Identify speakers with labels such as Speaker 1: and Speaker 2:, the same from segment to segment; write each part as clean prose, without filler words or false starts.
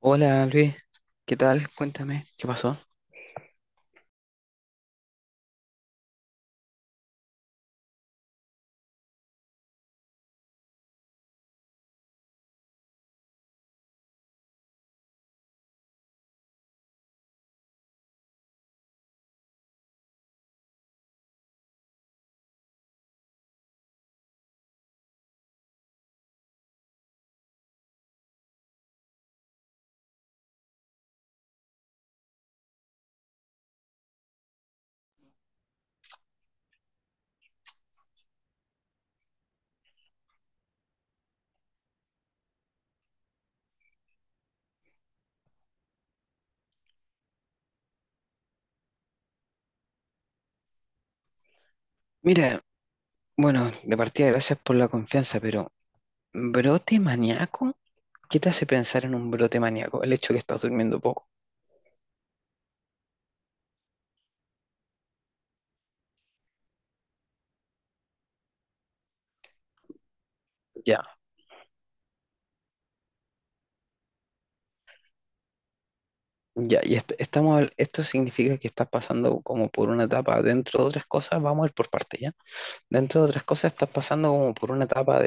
Speaker 1: Hola Luis, ¿qué tal? Cuéntame, ¿qué pasó? Mira, bueno, de partida gracias por la confianza, pero ¿brote maníaco? ¿Qué te hace pensar en un brote maníaco? El hecho de que estás durmiendo poco. Ya, ya, y estamos, esto significa que estás pasando como por una etapa, dentro de otras cosas, vamos a ir por parte, ¿ya? Dentro de otras cosas estás pasando como por una etapa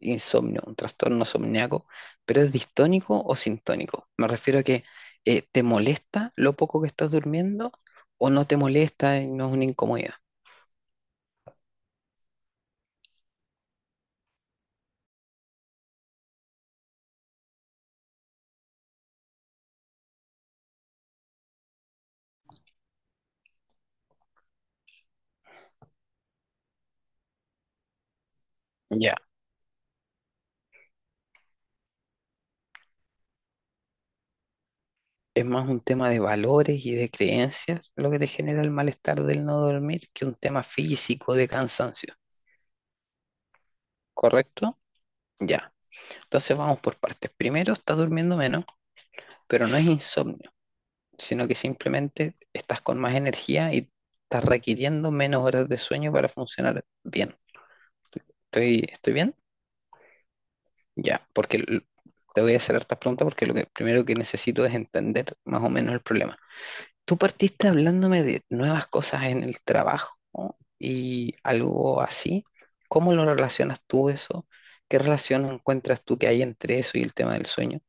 Speaker 1: insomnio, un trastorno somníaco, pero es distónico o sintónico. Me refiero a que te molesta lo poco que estás durmiendo o no te molesta y no es una incomodidad. Ya, es más un tema de valores y de creencias lo que te genera el malestar del no dormir que un tema físico de cansancio, ¿correcto? Ya, entonces vamos por partes. Primero, estás durmiendo menos, pero no es insomnio, sino que simplemente estás con más energía y estás requiriendo menos horas de sueño para funcionar bien. ¿Estoy bien? Ya, porque te voy a hacer hartas preguntas porque lo que, primero que necesito es entender más o menos el problema. Tú partiste hablándome de nuevas cosas en el trabajo, ¿no?, y algo así. ¿Cómo lo relacionas tú eso? ¿Qué relación encuentras tú que hay entre eso y el tema del sueño?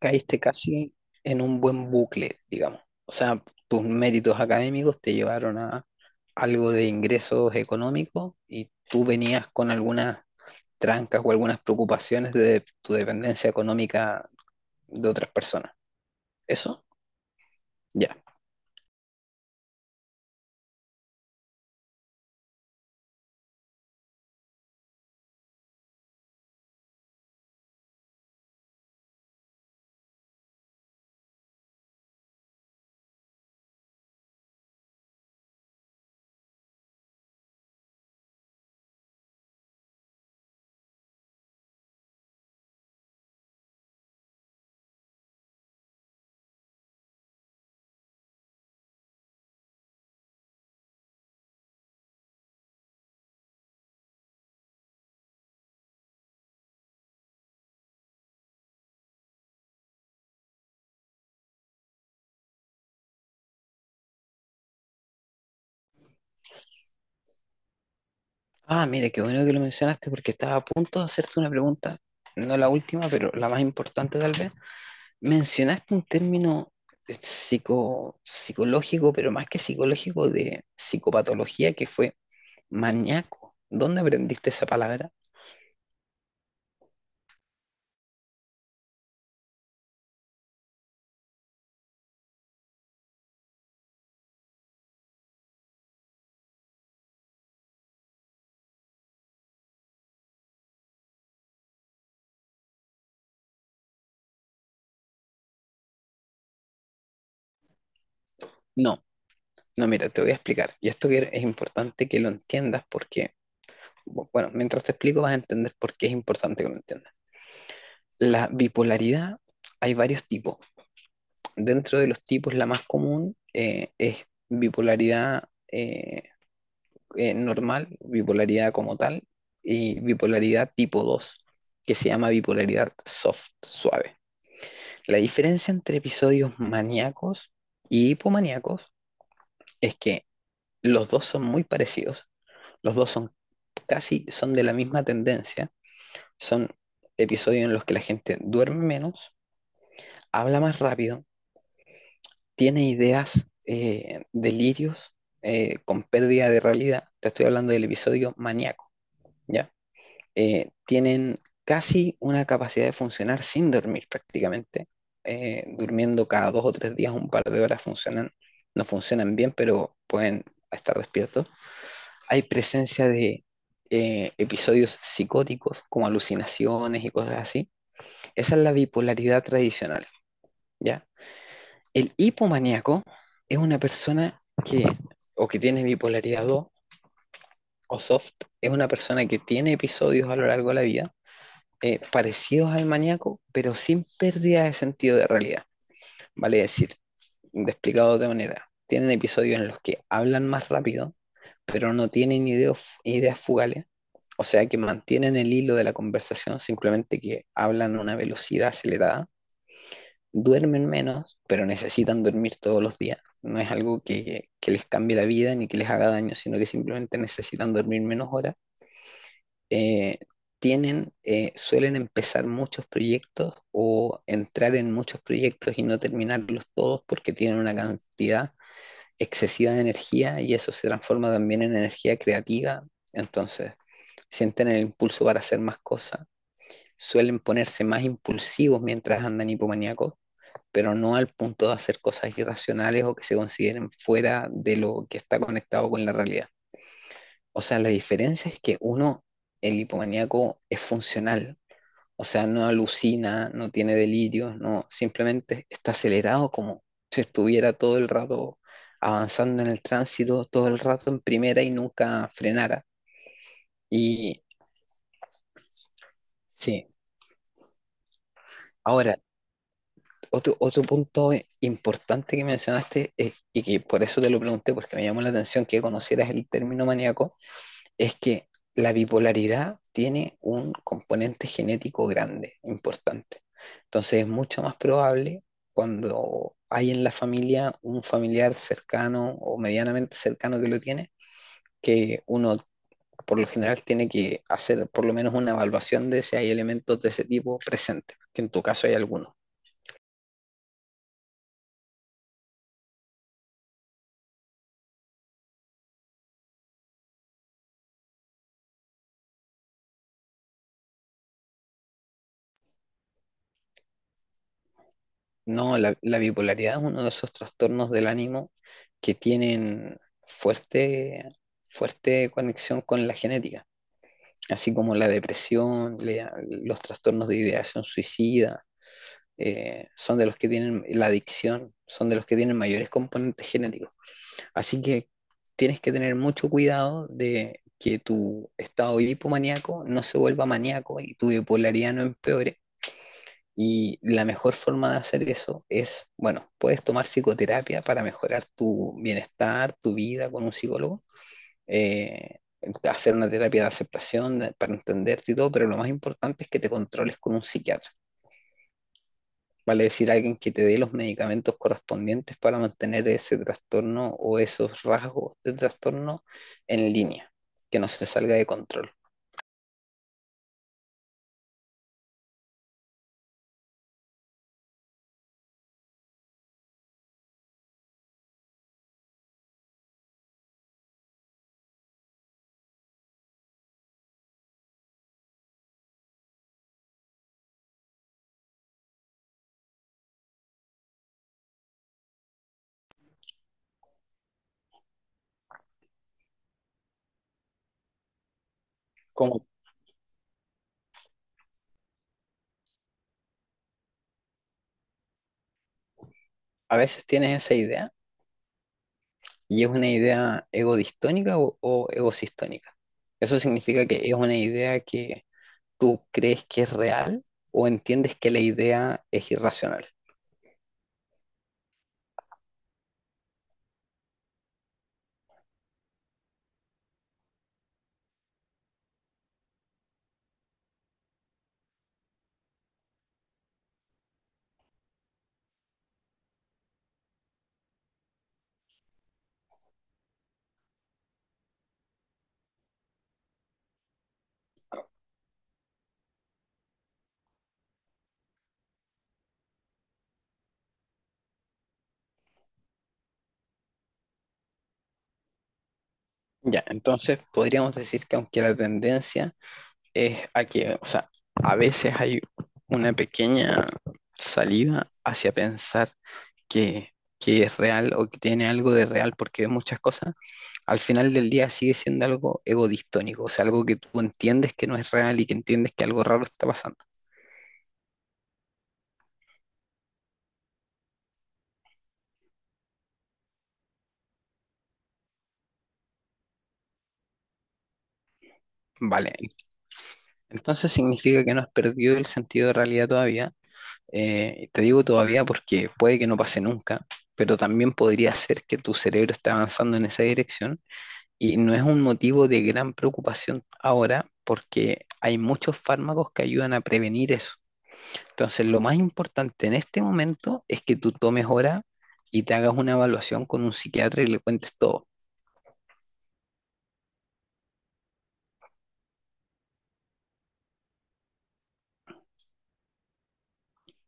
Speaker 1: Caíste casi en un buen bucle, digamos. O sea, tus méritos académicos te llevaron a algo de ingresos económicos y tú venías con algunas trancas o algunas preocupaciones de tu dependencia económica de otras personas. ¿Eso? Ya. Ah, mire, qué bueno que lo mencionaste porque estaba a punto de hacerte una pregunta, no la última, pero la más importante tal vez. Mencionaste un término psico, psicológico, pero más que psicológico, de psicopatología, que fue maníaco. ¿Dónde aprendiste esa palabra? No, no, mira, te voy a explicar. Y esto que es importante que lo entiendas porque, bueno, mientras te explico vas a entender por qué es importante que lo entiendas. La bipolaridad, hay varios tipos. Dentro de los tipos, la más común es bipolaridad normal, bipolaridad como tal, y bipolaridad tipo 2 que se llama bipolaridad soft, suave. La diferencia entre episodios maníacos y hipomaníacos es que los dos son muy parecidos, los dos son casi, son de la misma tendencia, son episodios en los que la gente duerme menos, habla más rápido, tiene ideas, delirios con pérdida de realidad. Te estoy hablando del episodio maníaco, ¿ya? Tienen casi una capacidad de funcionar sin dormir prácticamente. Durmiendo cada dos o tres días un par de horas funcionan, no funcionan bien, pero pueden estar despiertos. Hay presencia de episodios psicóticos como alucinaciones y cosas así. Esa es la bipolaridad tradicional, ¿ya? El hipomaníaco es una persona que, o que tiene bipolaridad 2 o soft, es una persona que tiene episodios a lo largo de la vida parecidos al maníaco, pero sin pérdida de sentido de realidad. Vale decir, de explicado de otra manera, tienen episodios en los que hablan más rápido, pero no tienen ideas fugales, o sea que mantienen el hilo de la conversación, simplemente que hablan a una velocidad acelerada, duermen menos, pero necesitan dormir todos los días. No es algo que les cambie la vida ni que les haga daño, sino que simplemente necesitan dormir menos horas. Eh, tienen, suelen empezar muchos proyectos o entrar en muchos proyectos y no terminarlos todos porque tienen una cantidad excesiva de energía y eso se transforma también en energía creativa. Entonces, sienten el impulso para hacer más cosas. Suelen ponerse más impulsivos mientras andan hipomaníacos, pero no al punto de hacer cosas irracionales o que se consideren fuera de lo que está conectado con la realidad. O sea, la diferencia es que uno, el hipomaníaco, es funcional. O sea, no alucina, no tiene delirios, no, simplemente está acelerado como si estuviera todo el rato avanzando en el tránsito, todo el rato en primera y nunca frenara. Y sí, ahora otro, otro punto importante que mencionaste, y que por eso te lo pregunté, porque me llamó la atención que conocieras el término maníaco, es que la bipolaridad tiene un componente genético grande, importante. Entonces es mucho más probable cuando hay en la familia un familiar cercano o medianamente cercano que lo tiene, que uno por lo general tiene que hacer por lo menos una evaluación de si hay elementos de ese tipo presentes, que en tu caso hay algunos. No, la bipolaridad es uno de esos trastornos del ánimo que tienen fuerte, fuerte conexión con la genética, así como la depresión, los trastornos de ideación suicida, son de los que tienen la adicción, son de los que tienen mayores componentes genéticos. Así que tienes que tener mucho cuidado de que tu estado hipomaníaco no se vuelva maníaco y tu bipolaridad no empeore, y la mejor forma de hacer eso es, bueno, puedes tomar psicoterapia para mejorar tu bienestar, tu vida con un psicólogo, eh, hacer una terapia de aceptación para entenderte y todo, pero lo más importante es que te controles con un psiquiatra. Vale decir, alguien que te dé los medicamentos correspondientes para mantener ese trastorno o esos rasgos de trastorno en línea, que no se salga de control. Como a veces tienes esa idea, ¿y es una idea egodistónica o egosistónica? ¿Eso significa que es una idea que tú crees que es real o entiendes que la idea es irracional? Ya, entonces podríamos decir que aunque la tendencia es a que, o sea, a veces hay una pequeña salida hacia pensar que, que es real o que tiene algo de real porque ves muchas cosas, al final del día sigue siendo algo egodistónico, o sea, algo que tú entiendes que no es real y que entiendes que algo raro está pasando. Vale, entonces significa que no has perdido el sentido de realidad todavía. Te digo todavía porque puede que no pase nunca, pero también podría ser que tu cerebro esté avanzando en esa dirección y no es un motivo de gran preocupación ahora porque hay muchos fármacos que ayudan a prevenir eso. Entonces, lo más importante en este momento es que tú tomes hora y te hagas una evaluación con un psiquiatra y le cuentes todo.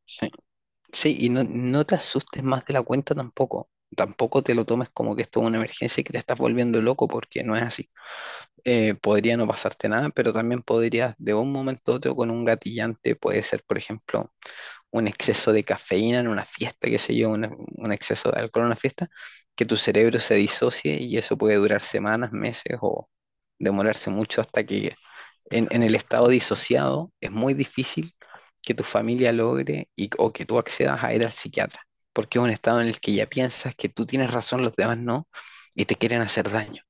Speaker 1: ¿Sí? Sí, y no, no te asustes más de la cuenta tampoco. Tampoco te lo tomes como que esto es una emergencia y que te estás volviendo loco, porque no es así. Podría no pasarte nada, pero también podrías, de un momento a otro, con un gatillante, puede ser, por ejemplo, un exceso de cafeína en una fiesta, qué sé yo, un exceso de alcohol en una fiesta, que tu cerebro se disocie y eso puede durar semanas, meses o demorarse mucho hasta que en el estado disociado, es muy difícil que tu familia logre y, o que tú accedas a ir al psiquiatra, porque es un estado en el que ya piensas que tú tienes razón, los demás no, y te quieren hacer daño.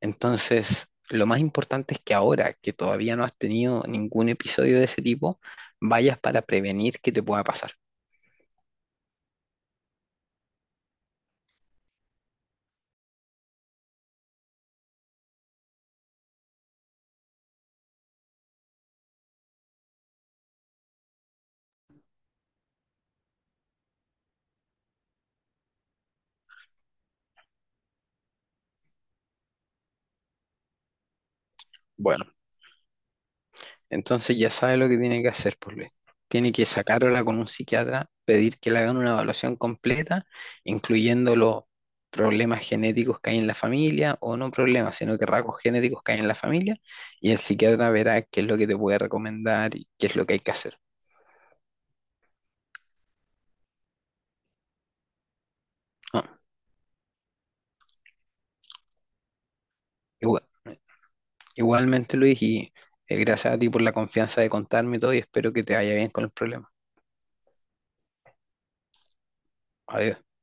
Speaker 1: Entonces, lo más importante es que ahora que todavía no has tenido ningún episodio de ese tipo, vayas para prevenir que te pueda pasar. Bueno, entonces ya sabe lo que tiene que hacer, pues Luis. Tiene que sacarla con un psiquiatra, pedir que le hagan una evaluación completa, incluyendo los problemas genéticos que hay en la familia, o no problemas, sino que rasgos genéticos que hay en la familia, y el psiquiatra verá qué es lo que te puede recomendar y qué es lo que hay que hacer. Ah, igua- igualmente, Luis, y gracias a ti por la confianza de contarme todo y espero que te vaya bien con el problema. Adiós.